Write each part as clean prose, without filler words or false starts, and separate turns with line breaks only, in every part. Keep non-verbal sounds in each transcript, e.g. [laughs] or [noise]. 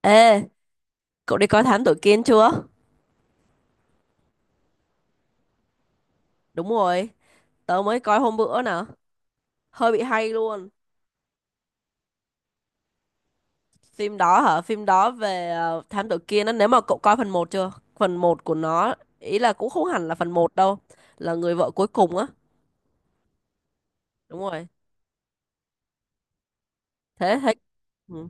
Ê, cậu đi coi Thám Tử Kiên chưa? Đúng rồi, tớ mới coi hôm bữa nè, hơi bị hay luôn. Phim đó hả? Phim đó về Thám Tử Kiên á, nếu mà cậu coi phần một chưa? Phần một của nó, ý là cũng không hẳn là phần một đâu, là người vợ cuối cùng á. Đúng rồi, thế thế, ừ.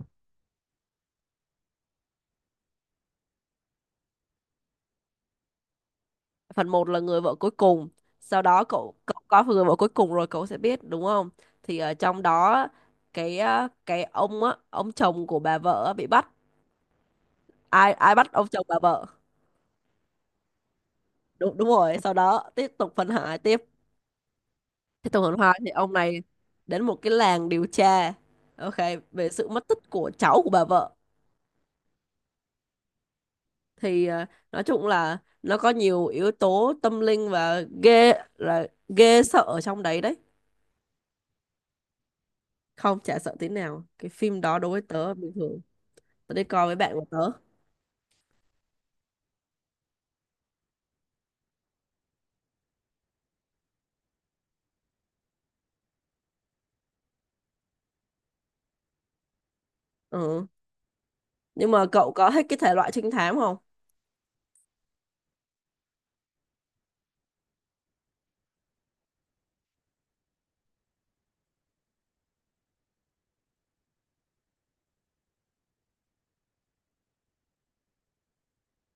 Phần một là người vợ cuối cùng, sau đó cậu cậu coi người vợ cuối cùng rồi cậu sẽ biết, đúng không? Thì ở trong đó cái ông á, ông chồng của bà vợ á bị bắt. Ai ai bắt ông chồng bà vợ? Đúng đúng rồi sau đó tiếp tục phân hải tiếp, tiếp tục phân hai thì ông này đến một cái làng điều tra. Ok, về sự mất tích của cháu của bà vợ. Thì nói chung là nó có nhiều yếu tố tâm linh và ghê là ghê sợ ở trong đấy đấy. Không, chả sợ tí nào, cái phim đó đối với tớ bình thường. Tớ đi coi với bạn của tớ. Ừ. Nhưng mà cậu có hết cái thể loại trinh thám không?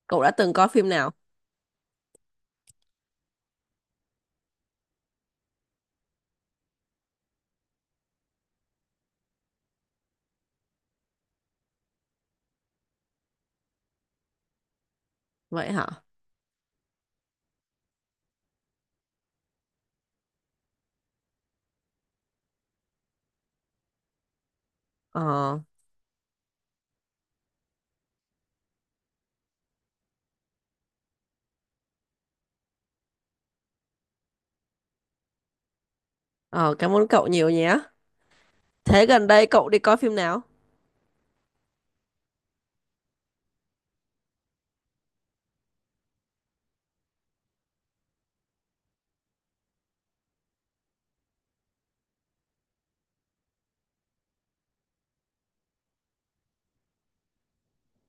Cậu đã từng coi phim nào? Vậy hả? ờ ờ Cảm ơn cậu nhiều nhé. Thế gần đây cậu đi coi phim nào?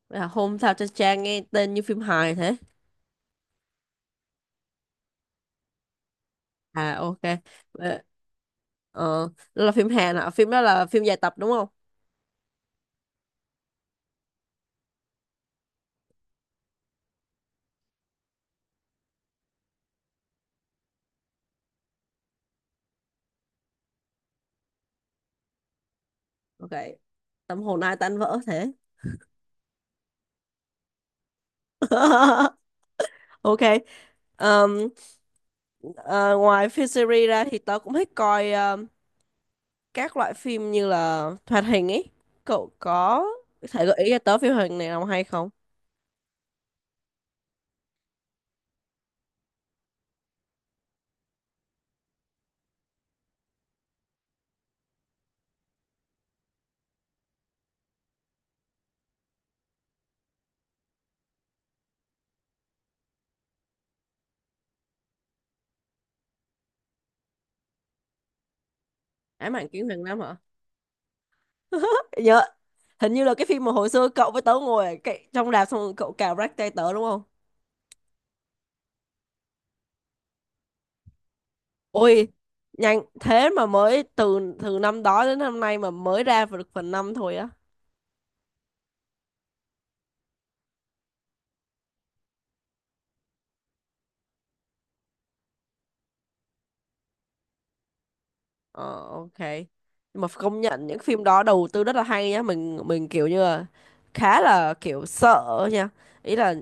Là hôm sao cho cha nghe tên như phim hài thế. À, ok. Ờ, Ờ, Đó là phim Hàn hả? Phim đó là phim dài tập đúng không? Ok. Tâm hồn ai tan vỡ thế. [laughs] Ok. Ờm, ờ, Ngoài phim series ra thì tớ cũng thích coi các loại phim như là hoạt hình ấy. Cậu có thể gợi ý cho tớ phim hoạt hình này nào hay không? Ám ảnh kiếm hàng năm hả? [laughs] Nhớ. Hình như là cái phim mà hồi xưa cậu với tớ ngồi ở trong rạp xong rồi cậu cào rách tay tớ đúng không? Ôi, nhanh thế mà mới từ từ năm đó đến năm nay mà mới ra được phần năm thôi á. Ờ, ok. Nhưng mà công nhận những phim đó đầu tư rất là hay nhá, mình kiểu như là khá là kiểu sợ nha. Ý là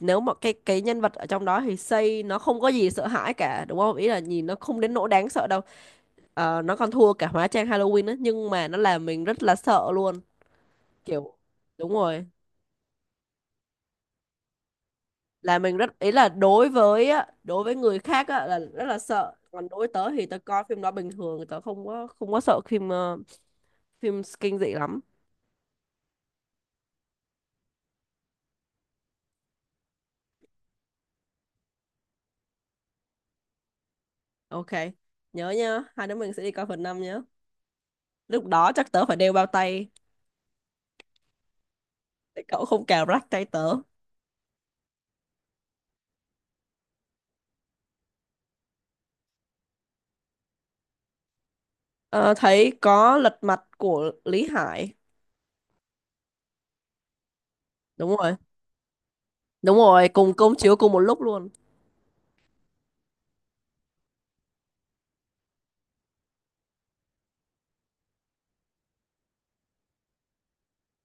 nếu mà cái nhân vật ở trong đó thì xây nó không có gì sợ hãi cả, đúng không? Ý là nhìn nó không đến nỗi đáng sợ đâu. Nó còn thua cả hóa trang Halloween á, nhưng mà nó làm mình rất là sợ luôn. Kiểu đúng rồi. Là mình rất, ý là đối với á, đối với người khác á, là rất là sợ, còn đối với tớ thì tớ coi phim đó bình thường, tớ không có sợ phim kinh dị lắm. Ok, nhớ nhá, hai đứa mình sẽ đi coi phần 5 nhá. Lúc đó chắc tớ phải đeo bao tay để cậu không cào rách tay tớ. Ờ, Thấy có lật mặt của Lý Hải. Đúng rồi, đúng rồi, cùng công chiếu cùng một lúc luôn.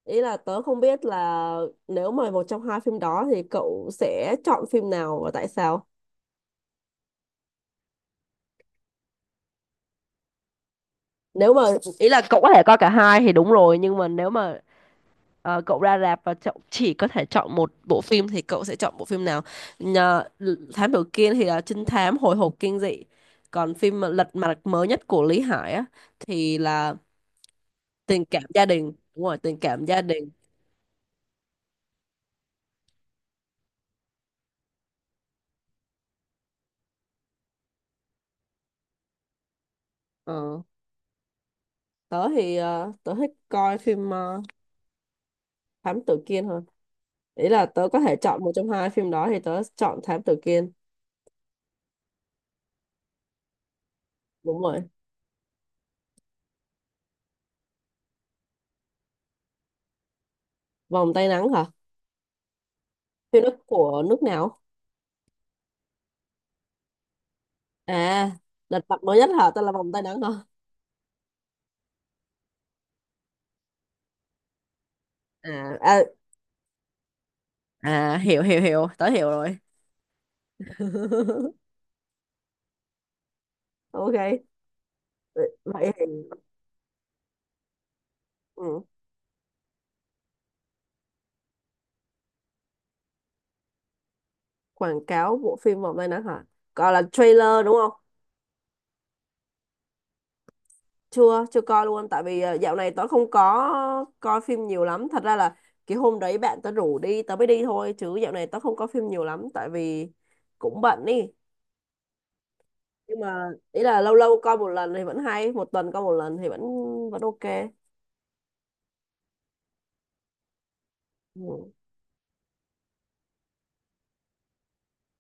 Ý là tớ không biết là, nếu mà một trong hai phim đó thì cậu sẽ chọn phim nào và tại sao? Nếu mà, ý là cậu có thể coi cả hai thì đúng rồi, nhưng mà nếu mà cậu ra rạp và cậu chỉ có thể chọn một bộ phim thì cậu sẽ chọn bộ phim nào? Nhờ, thám tử Kiên thì là trinh thám hồi hộp kinh dị, còn phim mà Lật mặt mới nhất của Lý Hải á thì là tình cảm gia đình. Đúng rồi, tình cảm gia đình. Ờ, Tớ thì tớ thích coi phim thám tử Kiên hơn. Ý là tớ có thể chọn một trong hai phim đó thì tớ chọn thám tử Kiên. Đúng rồi. Vòng tay nắng hả? Phim đó của nước nào? À. Lịch mặt nổi nhất hả, tên là vòng tay nắng hả? À, à. À, hiểu hiểu hiểu, tớ hiểu rồi. [laughs] Ok, vậy thì ừ. Quảng cáo bộ phim vòng tay nắng hả? Gọi là trailer đúng không? Chưa, chưa coi luôn, tại vì dạo này tớ không có coi phim nhiều lắm, thật ra là cái hôm đấy bạn tớ rủ đi tớ mới đi thôi, chứ dạo này tớ không có phim nhiều lắm, tại vì cũng bận đi. Nhưng mà ý là lâu lâu coi một lần thì vẫn hay, một tuần coi một lần thì vẫn vẫn ok. Ừ.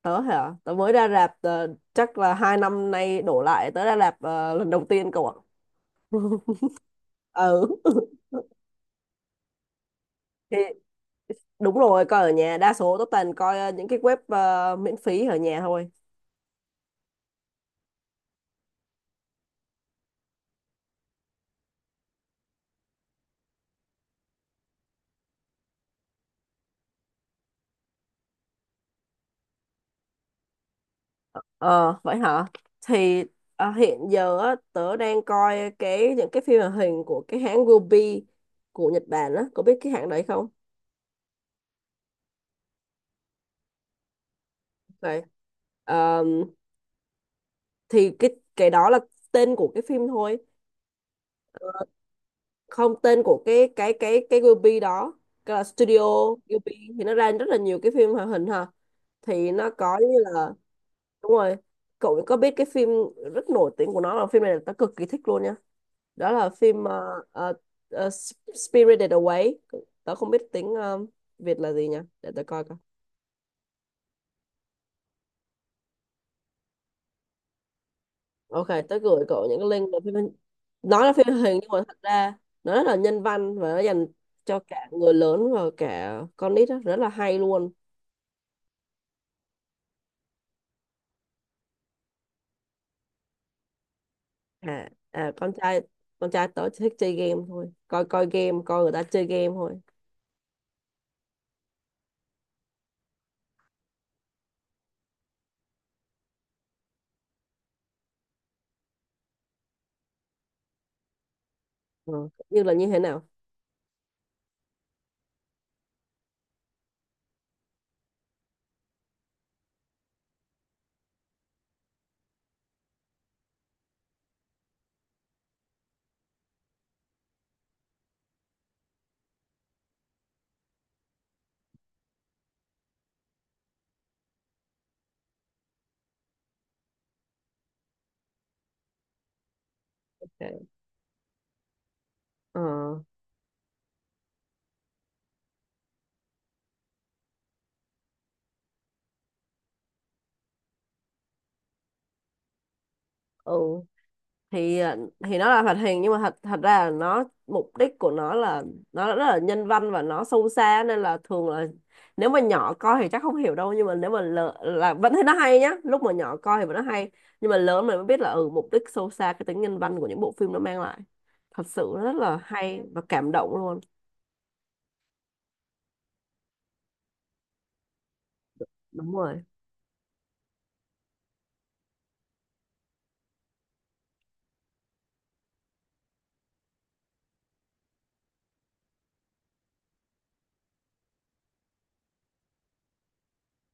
Tớ hả, tớ mới ra rạp chắc là hai năm nay đổ lại, tớ ra rạp lần đầu tiên cậu ạ. [laughs] Ừ. [laughs] Thì đúng rồi, coi ở nhà đa số tớ toàn coi những cái web miễn phí ở nhà thôi. Ờ, vậy hả? Thì hiện giờ á, tớ đang coi những cái phim hoạt hình của cái hãng Ruby của Nhật Bản á, có biết cái hãng đấy không? Đấy. Ờ, thì cái đó là tên của cái phim thôi. Không, tên của cái Ghibli đó, cái là Studio Ghibli thì nó ra rất là nhiều cái phim hoạt hình ha, thì nó có như là, đúng rồi. Cậu có biết cái phim rất nổi tiếng của nó là phim này, là tớ cực kỳ thích luôn nha, đó là phim ờ, Spirited Away. Tớ không biết tiếng Việt là gì nha, để tớ coi coi. Ok, tớ gửi cậu những cái link về phim. Nó là phim hoạt hình nhưng mà thật ra nó rất là nhân văn và nó dành cho cả người lớn và cả con nít á, rất là hay luôn. À, à, con trai tớ thích chơi game thôi, coi coi game coi người ta chơi game thôi. Ừ. Như là như thế nào? Ok. ờ ừ thì à, thì nó là hoạt hình nhưng mà thật thật ra là nó, mục đích của nó là nó rất là nhân văn và nó sâu xa, nên là thường là nếu mà nhỏ coi thì chắc không hiểu đâu, nhưng mà nếu mà là vẫn thấy nó hay nhá, lúc mà nhỏ coi thì vẫn nó hay, nhưng mà lớn mình mới biết là, ừ, mục đích sâu xa cái tính nhân văn của những bộ phim nó mang lại thật sự rất là hay và cảm động luôn. Đúng rồi.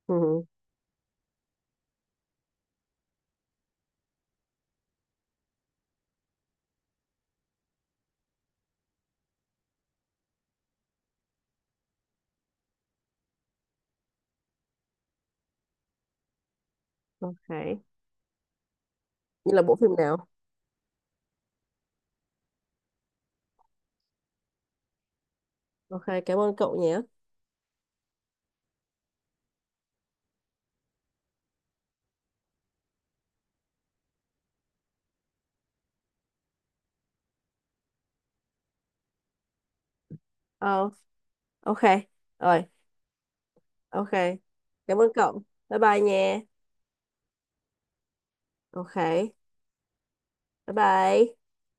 Ừ. Ok. Như là bộ phim nào? Ok, cảm ơn cậu nhé. Ờ, ok, rồi. Ok, cảm ơn cậu. Bye bye nha. Ok, bye bye.